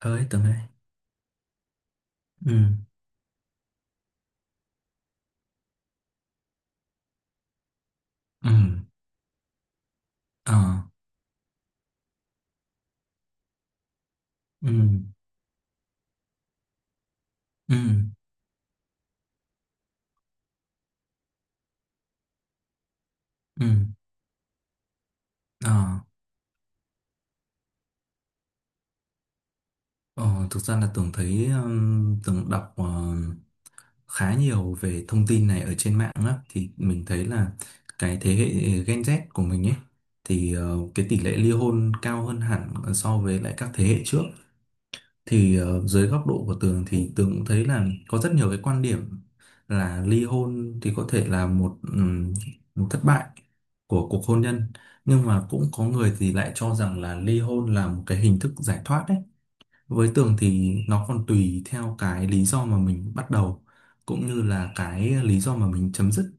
Tới từng ấy. Ừ. Ừ. Ờ. Ừ. Ừ. Ừ. Ờ. Ờ, thực ra là tưởng đọc khá nhiều về thông tin này ở trên mạng á, thì mình thấy là cái thế hệ Gen Z của mình ấy thì cái tỷ lệ ly hôn cao hơn hẳn so với lại các thế hệ trước. Thì dưới góc độ của Tường thì Tường cũng thấy là có rất nhiều cái quan điểm là ly hôn thì có thể là một một thất bại của cuộc hôn nhân, nhưng mà cũng có người thì lại cho rằng là ly hôn là một cái hình thức giải thoát đấy. Với Tường thì nó còn tùy theo cái lý do mà mình bắt đầu cũng như là cái lý do mà mình chấm dứt.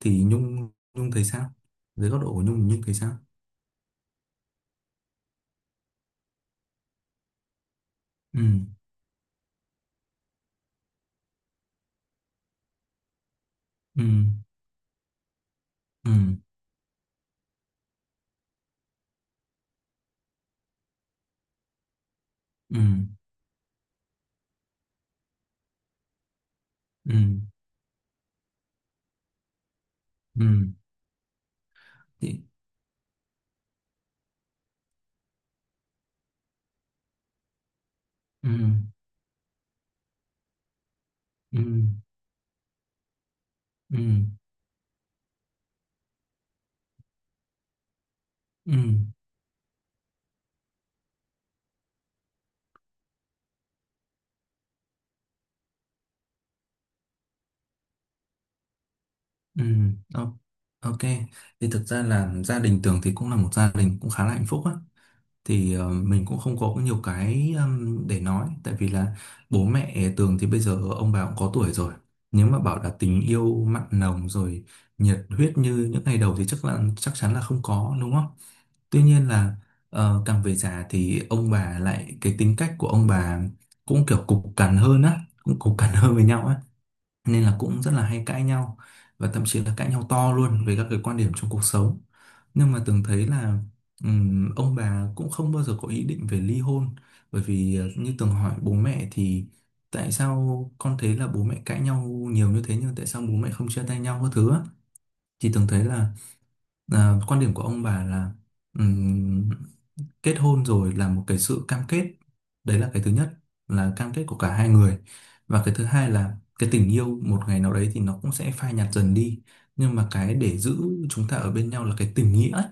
Thì Nhung Nhung thấy sao, dưới góc độ của Nhung Nhung thấy sao? Ừ. Ừ. Ừ. Ừ. Ừ. Ừ. Ừ. Ừ. Ừ, ừ, ừ, o- ok. Thì thực ra là gia đình Tường thì cũng là một gia đình cũng khá là hạnh phúc á. Thì mình cũng không có nhiều cái để nói. Tại vì là bố mẹ Tường thì bây giờ ông bà cũng có tuổi rồi. Nếu mà bảo là tình yêu mặn nồng rồi nhiệt huyết như những ngày đầu thì chắc là chắc chắn là không có, đúng không? Tuy nhiên là càng về già thì ông bà lại cái tính cách của ông bà cũng kiểu cục cằn hơn á, cũng cục cằn hơn với nhau á, nên là cũng rất là hay cãi nhau và thậm chí là cãi nhau to luôn về các cái quan điểm trong cuộc sống. Nhưng mà từng thấy là ông bà cũng không bao giờ có ý định về ly hôn, bởi vì như từng hỏi bố mẹ thì tại sao con thấy là bố mẹ cãi nhau nhiều như thế nhưng tại sao bố mẹ không chia tay nhau các thứ á? Thì từng thấy là à, quan điểm của ông bà là kết hôn rồi là một cái sự cam kết, đấy là cái thứ nhất, là cam kết của cả hai người. Và cái thứ hai là cái tình yêu một ngày nào đấy thì nó cũng sẽ phai nhạt dần đi, nhưng mà cái để giữ chúng ta ở bên nhau là cái tình nghĩa ấy.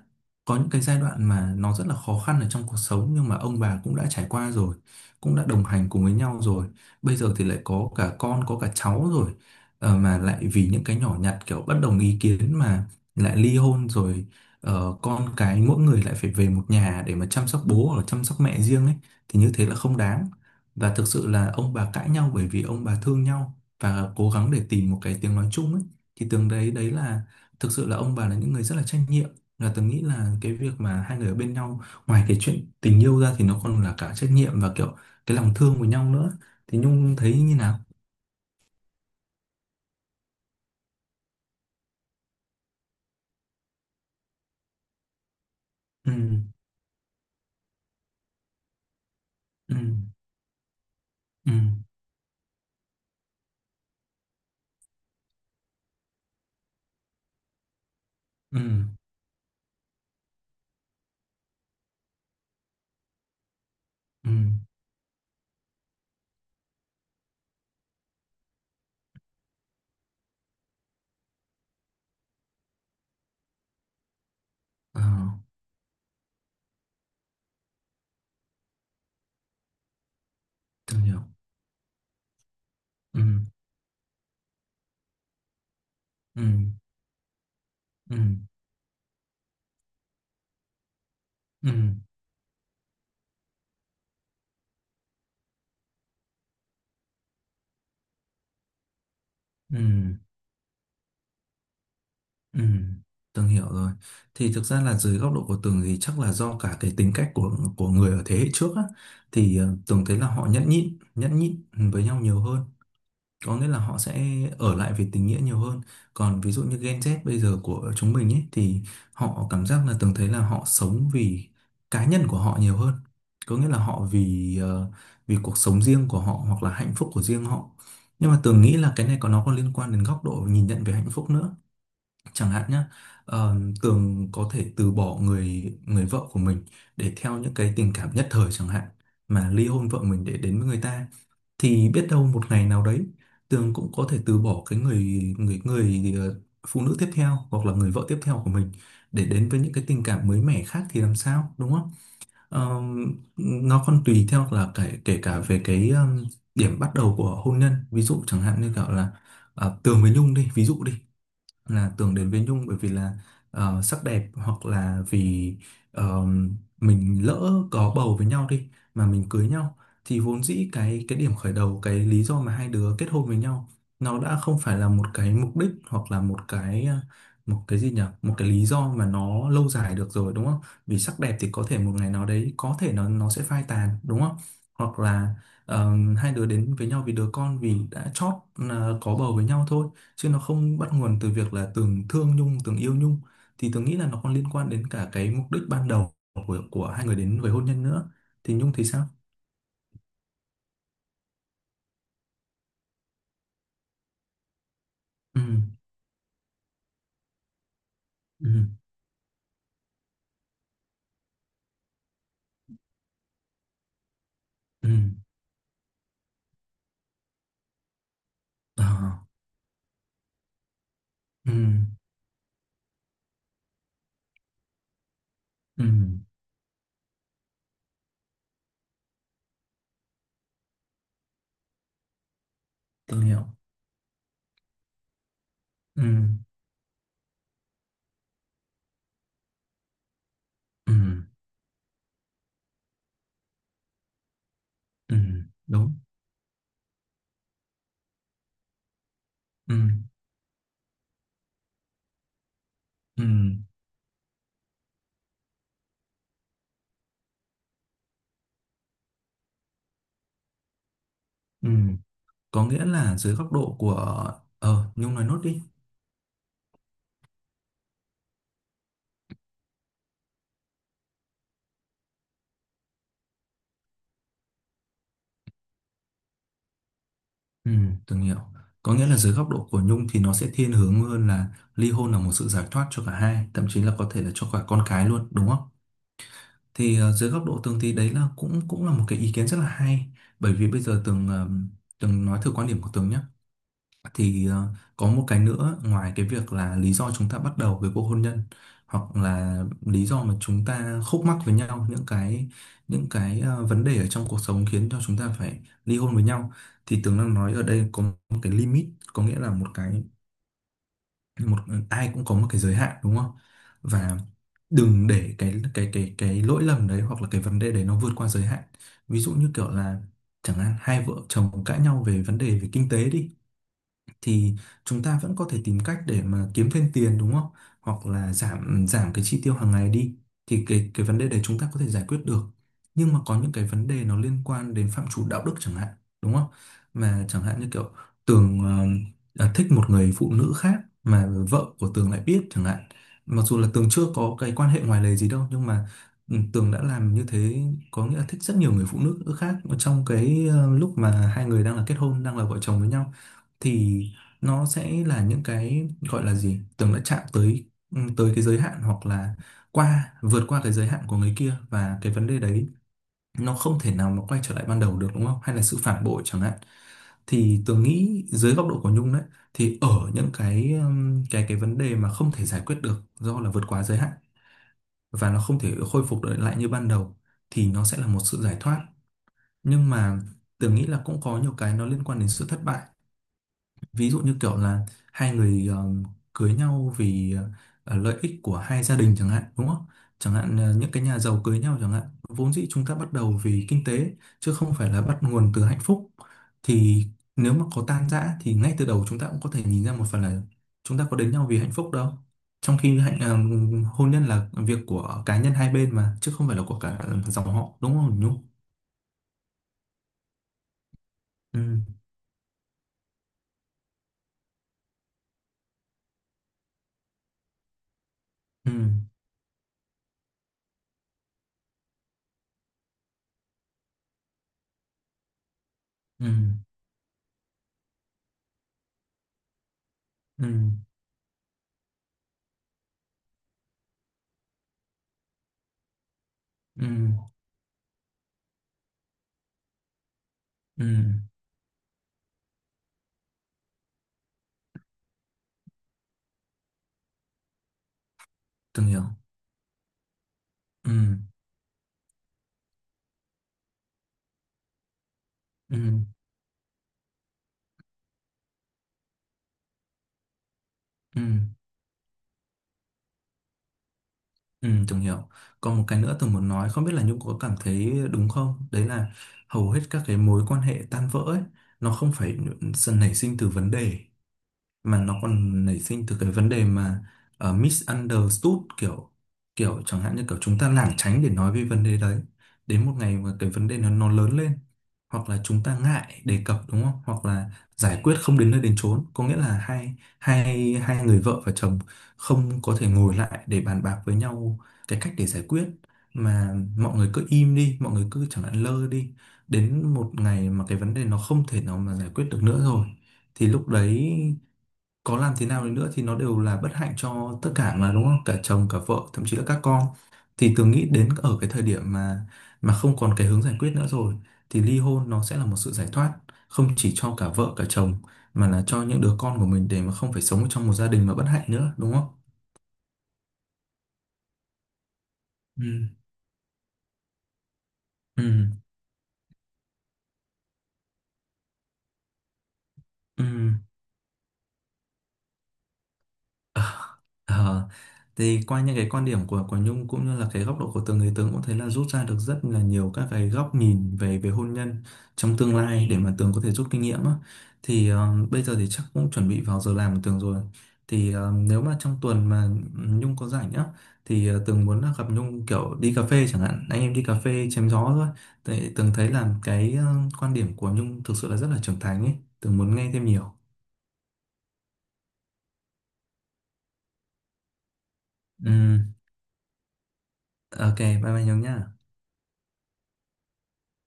Có những cái giai đoạn mà nó rất là khó khăn ở trong cuộc sống nhưng mà ông bà cũng đã trải qua rồi, cũng đã đồng hành cùng với nhau rồi, bây giờ thì lại có cả con có cả cháu rồi. Ờ, mà lại vì những cái nhỏ nhặt kiểu bất đồng ý kiến mà lại ly hôn rồi. Ờ, con cái mỗi người lại phải về một nhà để mà chăm sóc bố hoặc là chăm sóc mẹ riêng ấy thì như thế là không đáng. Và thực sự là ông bà cãi nhau bởi vì ông bà thương nhau và cố gắng để tìm một cái tiếng nói chung ấy. Thì tưởng đấy đấy là thực sự là ông bà là những người rất là trách nhiệm, là tôi nghĩ là cái việc mà hai người ở bên nhau ngoài cái chuyện tình yêu ra thì nó còn là cả trách nhiệm và kiểu cái lòng thương với nhau nữa. Thì Nhung thấy như nào? Ừ. Ừ. Ừ. Ừ. Ừ. Ờ, tôi hiểu. Ừ. Ừ. Ừ. Ừ, ừ, ừ, Tường hiểu rồi. Thì thực ra là dưới góc độ của Tường thì chắc là do cả cái tính cách của người ở thế hệ trước á, thì Tường thấy là họ nhẫn nhịn với nhau nhiều hơn. Có nghĩa là họ sẽ ở lại vì tình nghĩa nhiều hơn. Còn ví dụ như Gen Z bây giờ của chúng mình ấy thì họ cảm giác là Tường thấy là họ sống vì cá nhân của họ nhiều hơn. Có nghĩa là họ vì vì cuộc sống riêng của họ hoặc là hạnh phúc của riêng họ. Nhưng mà Tường nghĩ là cái này có nó có liên quan đến góc độ nhìn nhận về hạnh phúc nữa, chẳng hạn nhé. Tường có thể từ bỏ người người vợ của mình để theo những cái tình cảm nhất thời chẳng hạn, mà ly hôn vợ mình để đến với người ta. Thì biết đâu một ngày nào đấy Tường cũng có thể từ bỏ cái người người người ờ, phụ nữ tiếp theo hoặc là người vợ tiếp theo của mình để đến với những cái tình cảm mới mẻ khác, thì làm sao đúng không? Nó còn tùy theo là kể kể cả về cái điểm bắt đầu của hôn nhân. Ví dụ chẳng hạn như kiểu là Tường với Nhung đi, ví dụ đi, là tưởng đến với Nhung bởi vì là sắc đẹp hoặc là vì ờ, mình lỡ có bầu với nhau đi mà mình cưới nhau. Thì vốn dĩ cái điểm khởi đầu cái lý do mà hai đứa kết hôn với nhau nó đã không phải là một cái mục đích hoặc là một cái một cái gì nhỉ, một cái lý do mà nó lâu dài được rồi đúng không? Vì sắc đẹp thì có thể một ngày nào đấy có thể nó sẽ phai tàn đúng không? Hoặc là ờ, hai đứa đến với nhau vì đứa con, vì đã chót có bầu với nhau thôi, chứ nó không bắt nguồn từ việc là Tường thương Nhung, Tường yêu Nhung. Thì Tường nghĩ là nó còn liên quan đến cả cái mục đích ban đầu của hai người đến với hôn nhân nữa. Thì Nhung thì sao? Ừ. Ừ. Ừ. À. Ừ. Ừ, Tường hiểu. Ừ. Ừ. Ừ. Đúng. Ừ. Ừ. Ừ. Có nghĩa là dưới góc độ của, ờ, Nhung nói nốt đi. Ừ, Tường hiểu. Có nghĩa là dưới góc độ của Nhung thì nó sẽ thiên hướng hơn là ly hôn là một sự giải thoát cho cả hai, thậm chí là có thể là cho cả con cái luôn, đúng không? Thì dưới góc độ Tường thì đấy là cũng cũng là một cái ý kiến rất là hay. Bởi vì bây giờ Tường nói thử quan điểm của Tường nhé. Thì có một cái nữa ngoài cái việc là lý do chúng ta bắt đầu với cuộc hôn nhân, hoặc là lý do mà chúng ta khúc mắc với nhau, những cái những cái vấn đề ở trong cuộc sống khiến cho chúng ta phải ly hôn với nhau. Thì Tường đang nói ở đây có một cái limit, có nghĩa là một cái, một, ai cũng có một cái giới hạn đúng không? Và đừng để cái lỗi lầm đấy hoặc là cái vấn đề đấy nó vượt qua giới hạn. Ví dụ như kiểu là chẳng hạn hai vợ chồng cãi nhau về vấn đề về kinh tế đi, thì chúng ta vẫn có thể tìm cách để mà kiếm thêm tiền đúng không? Hoặc là giảm giảm cái chi tiêu hàng ngày đi thì cái vấn đề đấy chúng ta có thể giải quyết được. Nhưng mà có những cái vấn đề nó liên quan đến phạm trù đạo đức chẳng hạn, đúng không? Mà chẳng hạn như kiểu Tường à, thích một người phụ nữ khác mà vợ của Tường lại biết chẳng hạn. Mặc dù là Tường chưa có cái quan hệ ngoài lề gì đâu nhưng mà ừ, Tường đã làm như thế, có nghĩa là thích rất nhiều người phụ nữ khác trong cái lúc mà hai người đang là kết hôn, đang là vợ chồng với nhau. Thì nó sẽ là những cái gọi là gì tưởng đã chạm tới ừ, tới cái giới hạn hoặc là qua vượt qua cái giới hạn của người kia, và cái vấn đề đấy nó không thể nào mà quay trở lại ban đầu được đúng không, hay là sự phản bội chẳng hạn. Thì tường nghĩ dưới góc độ của Nhung đấy, thì ở những cái cái vấn đề mà không thể giải quyết được do là vượt quá giới hạn và nó không thể khôi phục được lại như ban đầu, thì nó sẽ là một sự giải thoát. Nhưng mà tường nghĩ là cũng có nhiều cái nó liên quan đến sự thất bại. Ví dụ như kiểu là hai người cưới nhau vì lợi ích của hai gia đình chẳng hạn đúng không? Chẳng hạn những cái nhà giàu cưới nhau chẳng hạn, vốn dĩ chúng ta bắt đầu vì kinh tế chứ không phải là bắt nguồn từ hạnh phúc. Thì nếu mà có tan rã thì ngay từ đầu chúng ta cũng có thể nhìn ra một phần là chúng ta có đến nhau vì hạnh phúc đâu. Trong khi hôn nhân là việc của cá nhân hai bên mà chứ không phải là của cả dòng họ đúng không Nhung? Ừ. Ừ. Ừ. Ừ. Ừ. Ừ. Ừ, từng hiểu. Ừ. Ừ, ừ, ừ, Tường hiểu. Còn một cái nữa Tường muốn nói, không biết là Nhung có cảm thấy đúng không? Đấy là hầu hết các cái mối quan hệ tan vỡ ấy, nó không phải sự nảy sinh từ vấn đề, mà nó còn nảy sinh từ cái vấn đề mà misunderstood, kiểu kiểu chẳng hạn như kiểu chúng ta lảng tránh để nói về vấn đề đấy, đến một ngày mà cái vấn đề nó lớn lên, hoặc là chúng ta ngại đề cập đúng không, hoặc là giải quyết không đến nơi đến chốn, có nghĩa là hai hai hai người vợ và chồng không có thể ngồi lại để bàn bạc với nhau cái cách để giải quyết, mà mọi người cứ im đi, mọi người cứ chẳng hạn lơ đi, đến một ngày mà cái vấn đề nó không thể nào mà giải quyết được nữa rồi thì lúc đấy có làm thế nào đi nữa thì nó đều là bất hạnh cho tất cả mà đúng không, cả chồng cả vợ thậm chí là các con. Thì Tường nghĩ đến ở cái thời điểm mà không còn cái hướng giải quyết nữa rồi, thì ly hôn nó sẽ là một sự giải thoát, không chỉ cho cả vợ cả chồng mà là cho những đứa con của mình, để mà không phải sống trong một gia đình mà bất hạnh nữa đúng không? Ừ. Ừ. Ừ. Ờ. Ờ. Thì qua những cái quan điểm của Nhung cũng như là cái góc độ của từng người, Tường cũng thấy là rút ra được rất là nhiều các cái góc nhìn về về hôn nhân trong tương lai để mà Tường có thể rút kinh nghiệm á. Thì bây giờ thì chắc cũng chuẩn bị vào giờ làm của Tường rồi. Thì nếu mà trong tuần mà Nhung có rảnh á thì Tường muốn là gặp Nhung kiểu đi cà phê chẳng hạn, anh em đi cà phê chém gió thôi. Tại Tường thấy là cái quan điểm của Nhung thực sự là rất là trưởng thành ấy, Tường muốn nghe thêm nhiều. Ừ, ok, bye bye Nhung nhá.